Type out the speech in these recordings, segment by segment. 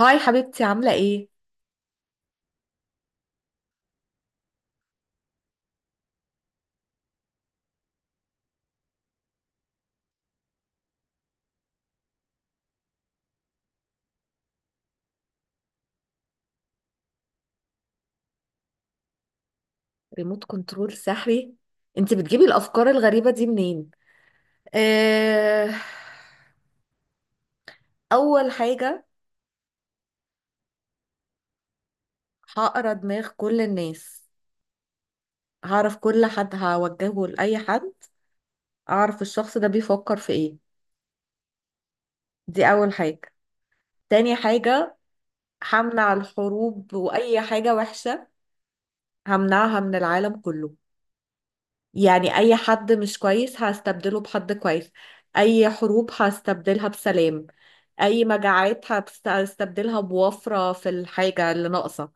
هاي حبيبتي، عاملة ايه؟ ريموت كنترول سحري؟ انت بتجيبي الأفكار الغريبة دي منين؟ اه... أول حاجة، هقرا دماغ كل الناس، هعرف كل حد هوجهه لأي حد، أعرف الشخص ده بيفكر في ايه. دي أول حاجة. تاني حاجة، همنع الحروب وأي حاجة وحشة، همنعها من العالم كله. يعني أي حد مش كويس هستبدله بحد كويس، أي حروب هستبدلها بسلام، أي مجاعات هستبدلها بوفرة في الحاجة اللي ناقصة.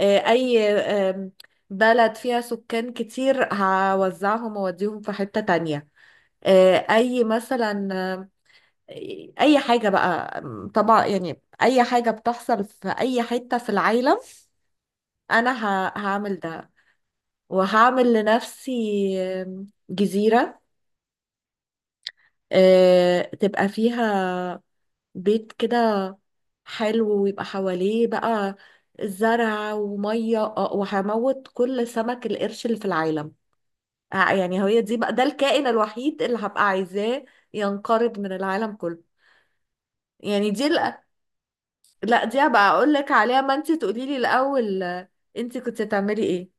أي بلد فيها سكان كتير هوزعهم وأوديهم في حتة تانية. أي مثلا، أي حاجة بقى، طبعا يعني أي حاجة بتحصل في أي حتة في العالم. أنا هعمل ده، وهعمل لنفسي جزيرة تبقى فيها بيت كده حلو، ويبقى حواليه بقى زرع ومية، وهموت كل سمك القرش اللي في العالم. يعني هي دي بقى، ده الكائن الوحيد اللي هبقى عايزاه ينقرض من العالم كله. يعني دي لا، لا دي هبقى اقول لك عليها، ما انت تقولي لي الاول. انت كنت تعملي ايه؟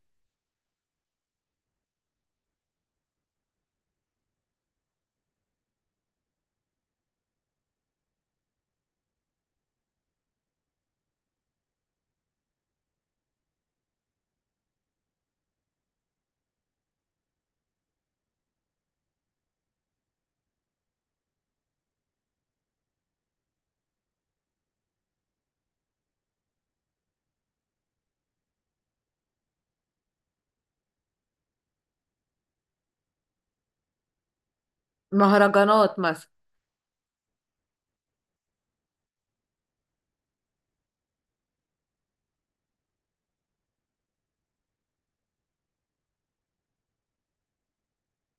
مهرجانات مثلا.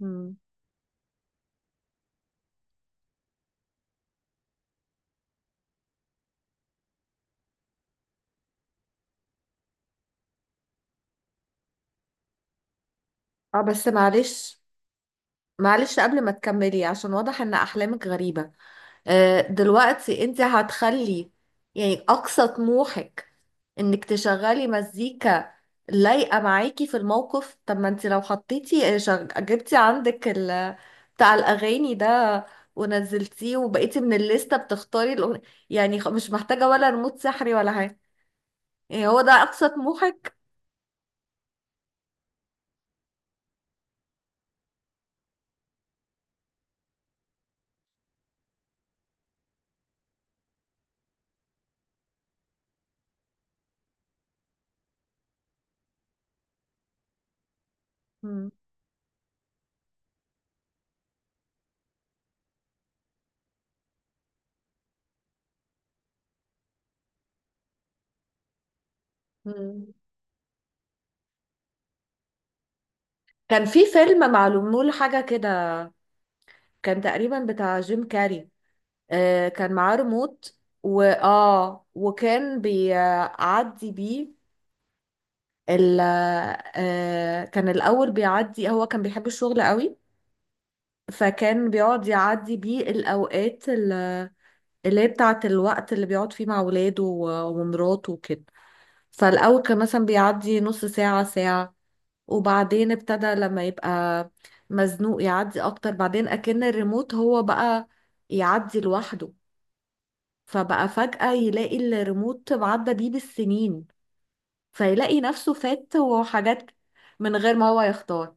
مم. اه بس معلش، قبل ما تكملي عشان واضح ان احلامك غريبة. دلوقتي انت هتخلي يعني اقصى طموحك انك تشغلي مزيكا لايقه معاكي في الموقف؟ طب ما انت لو حطيتي، جبتي عندك بتاع الاغاني ده، ونزلتيه، وبقيتي من الليسته بتختاري الأغنية. يعني مش محتاجه ولا رموت سحري ولا حاجه. يعني هو ده اقصى طموحك؟ مم. مم. كان في فيلم معلوم له حاجه كده، كان تقريبا بتاع جيم كاري. كان معاه ريموت، واه وكان بيعدي بيه ال آه، كان الاول بيعدي. هو كان بيحب الشغل قوي، فكان بيقعد يعدي بيه الاوقات اللي هي بتاعه الوقت اللي بيقعد فيه مع ولاده ومراته وكده. فالاول كان مثلا بيعدي نص ساعه، ساعه، وبعدين ابتدى لما يبقى مزنوق يعدي اكتر. بعدين اكن الريموت هو بقى يعدي لوحده، فبقى فجأة يلاقي الريموت معدى بيه بالسنين، فيلاقي نفسه فات وحاجات من غير ما هو يختار،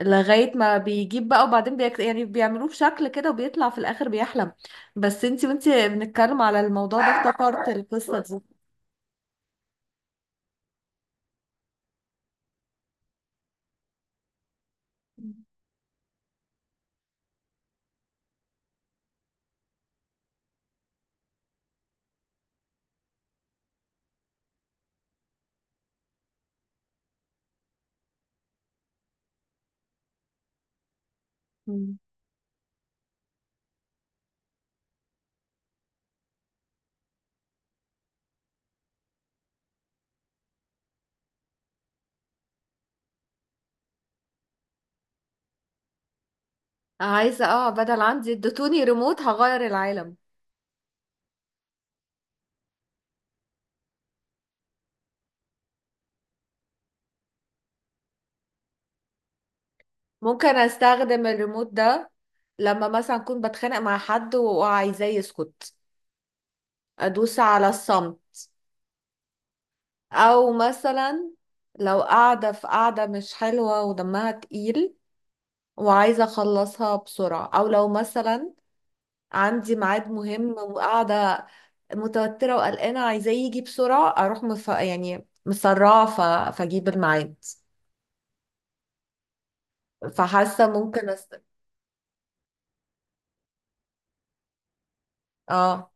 لغاية ما بيجيب بقى وبعدين يعني بيعملوه بشكل كده وبيطلع في الآخر بيحلم. بس انتي، وانتي بنتكلم على الموضوع ده افتكرت القصة دي. مم. عايزة، اه، بدل عندي اديتوني ريموت، هغير العالم. ممكن استخدم الريموت ده لما مثلا اكون بتخانق مع حد وعايزاه يسكت، ادوس على الصمت. او مثلا لو قاعدة في قاعدة مش حلوة ودمها تقيل وعايزة اخلصها بسرعة، او لو مثلا عندي ميعاد مهم وقاعدة متوترة وقلقانة عايزاه يجي بسرعة، اروح يعني مسرعة فاجيب الميعاد. فحاسة ممكن اه،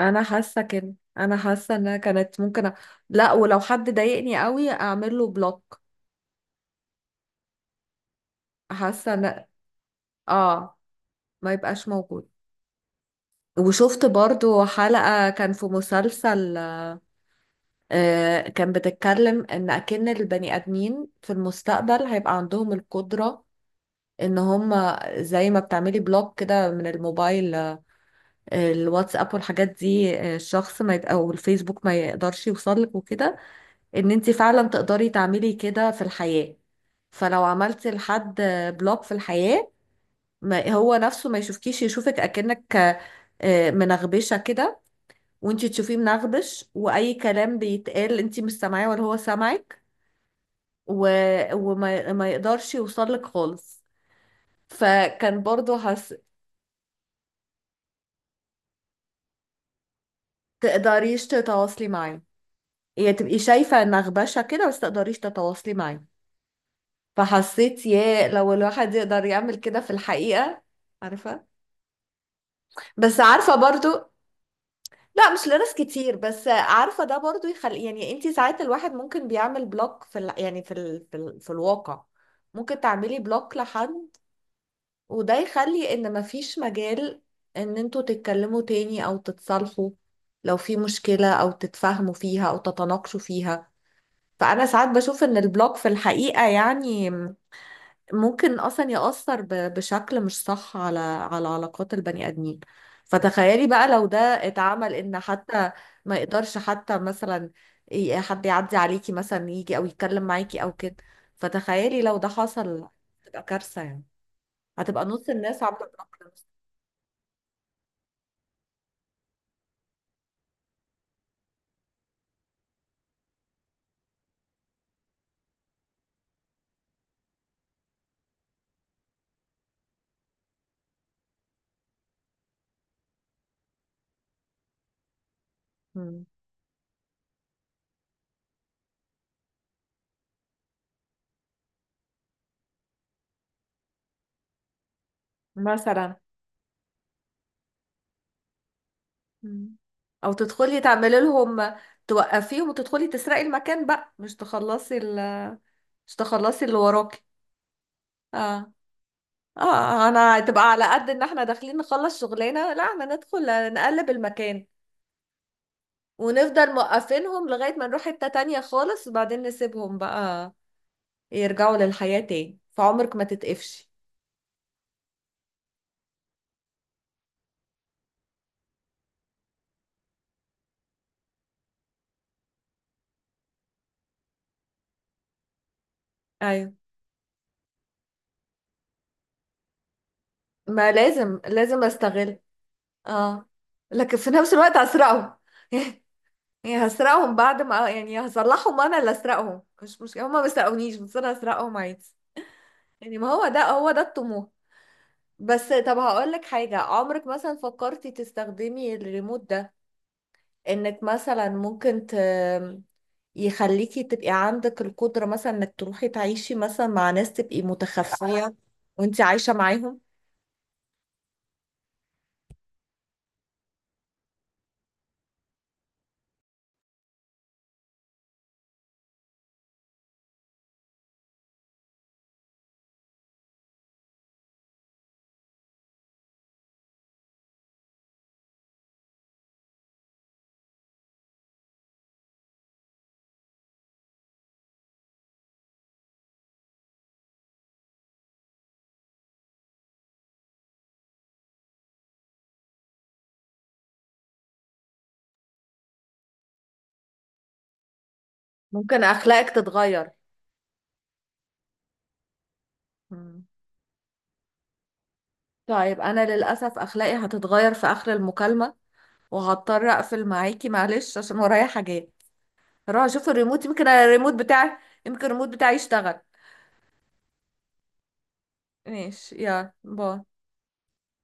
انا حاسة كده، انا حاسة انها كانت ممكن لا، ولو حد ضايقني قوي اعمل له بلوك. حاسة ان، اه، ما يبقاش موجود. وشفت برضو حلقة كان في مسلسل، كان بتتكلم ان اكن البني ادمين في المستقبل هيبقى عندهم القدرة ان هم زي ما بتعملي بلوك كده من الموبايل، الواتساب والحاجات دي، الشخص ما يد... او الفيسبوك ما يقدرش يوصلك وكده، ان انت فعلا تقدري تعملي كده في الحياة. فلو عملتي لحد بلوك في الحياة، ما هو نفسه ما يشوفكيش، يشوفك اكنك منغبشة كده، وانتي تشوفيه منغبش، واي كلام بيتقال انتي مش سامعاه ولا هو سامعك. و... وما ما يقدرش يوصلك خالص. فكان برضو هس... تقدريش تتواصلي معاه. يعني تبقي شايفة نغبشة كده بس تقدريش تتواصلي معاه. فحسيت، يا لو الواحد يقدر يعمل كده في الحقيقة. عارفة. بس عارفة برضو، لا مش لناس كتير، بس عارفة ده برضو يخلي، يعني انتي ساعات الواحد ممكن بيعمل بلوك في يعني في في الواقع. ممكن تعملي بلوك لحد، وده يخلي ان مفيش مجال ان انتوا تتكلموا تاني او تتصالحوا لو في مشكلة، او تتفاهموا فيها او تتناقشوا فيها. فانا ساعات بشوف ان البلوك في الحقيقة يعني ممكن اصلا يأثر بشكل مش صح على علاقات البني ادمين. فتخيلي بقى لو ده اتعمل، ان حتى ما يقدرش حتى مثلا حد يعدي عليكي، مثلا يجي او يتكلم معاكي او كده. فتخيلي لو ده حصل تبقى كارثة يعني. هتبقى نص الناس عاملة بلوك. مم. مثلا. مم. او تدخلي تعملي لهم، توقفيهم وتدخلي تسرقي المكان بقى، مش تخلصي مش تخلصي اللي وراكي. اه. اه، انا هتبقى على قد ان احنا داخلين نخلص شغلنا؟ لا، احنا ندخل نقلب المكان، ونفضل موقفينهم لغاية ما نروح حتة تانية خالص، وبعدين نسيبهم بقى يرجعوا للحياة تاني، فعمرك ما تتقفشي. ايوه، ما لازم لازم استغل. اه، لكن في نفس الوقت اسرقهم. يعني هسرقهم بعد ما، يعني هصلحهم، انا اللي اسرقهم، مش هما ما سرقونيش، بس انا هسرقهم عادي. يعني ما هو ده، هو ده الطموح. بس طب هقول لك حاجة، عمرك مثلا فكرتي تستخدمي الريموت ده انك مثلا يخليكي تبقي عندك القدرة، مثلا انك تروحي تعيشي مثلا مع ناس تبقي متخفية وانت عايشة معاهم؟ ممكن اخلاقك تتغير. مم. طيب انا للأسف اخلاقي هتتغير في اخر المكالمة، وهضطر اقفل معاكي معلش عشان ورايا حاجات. هروح اشوف الريموت، يمكن الريموت بتاعي يشتغل. ماشي، يلا باي.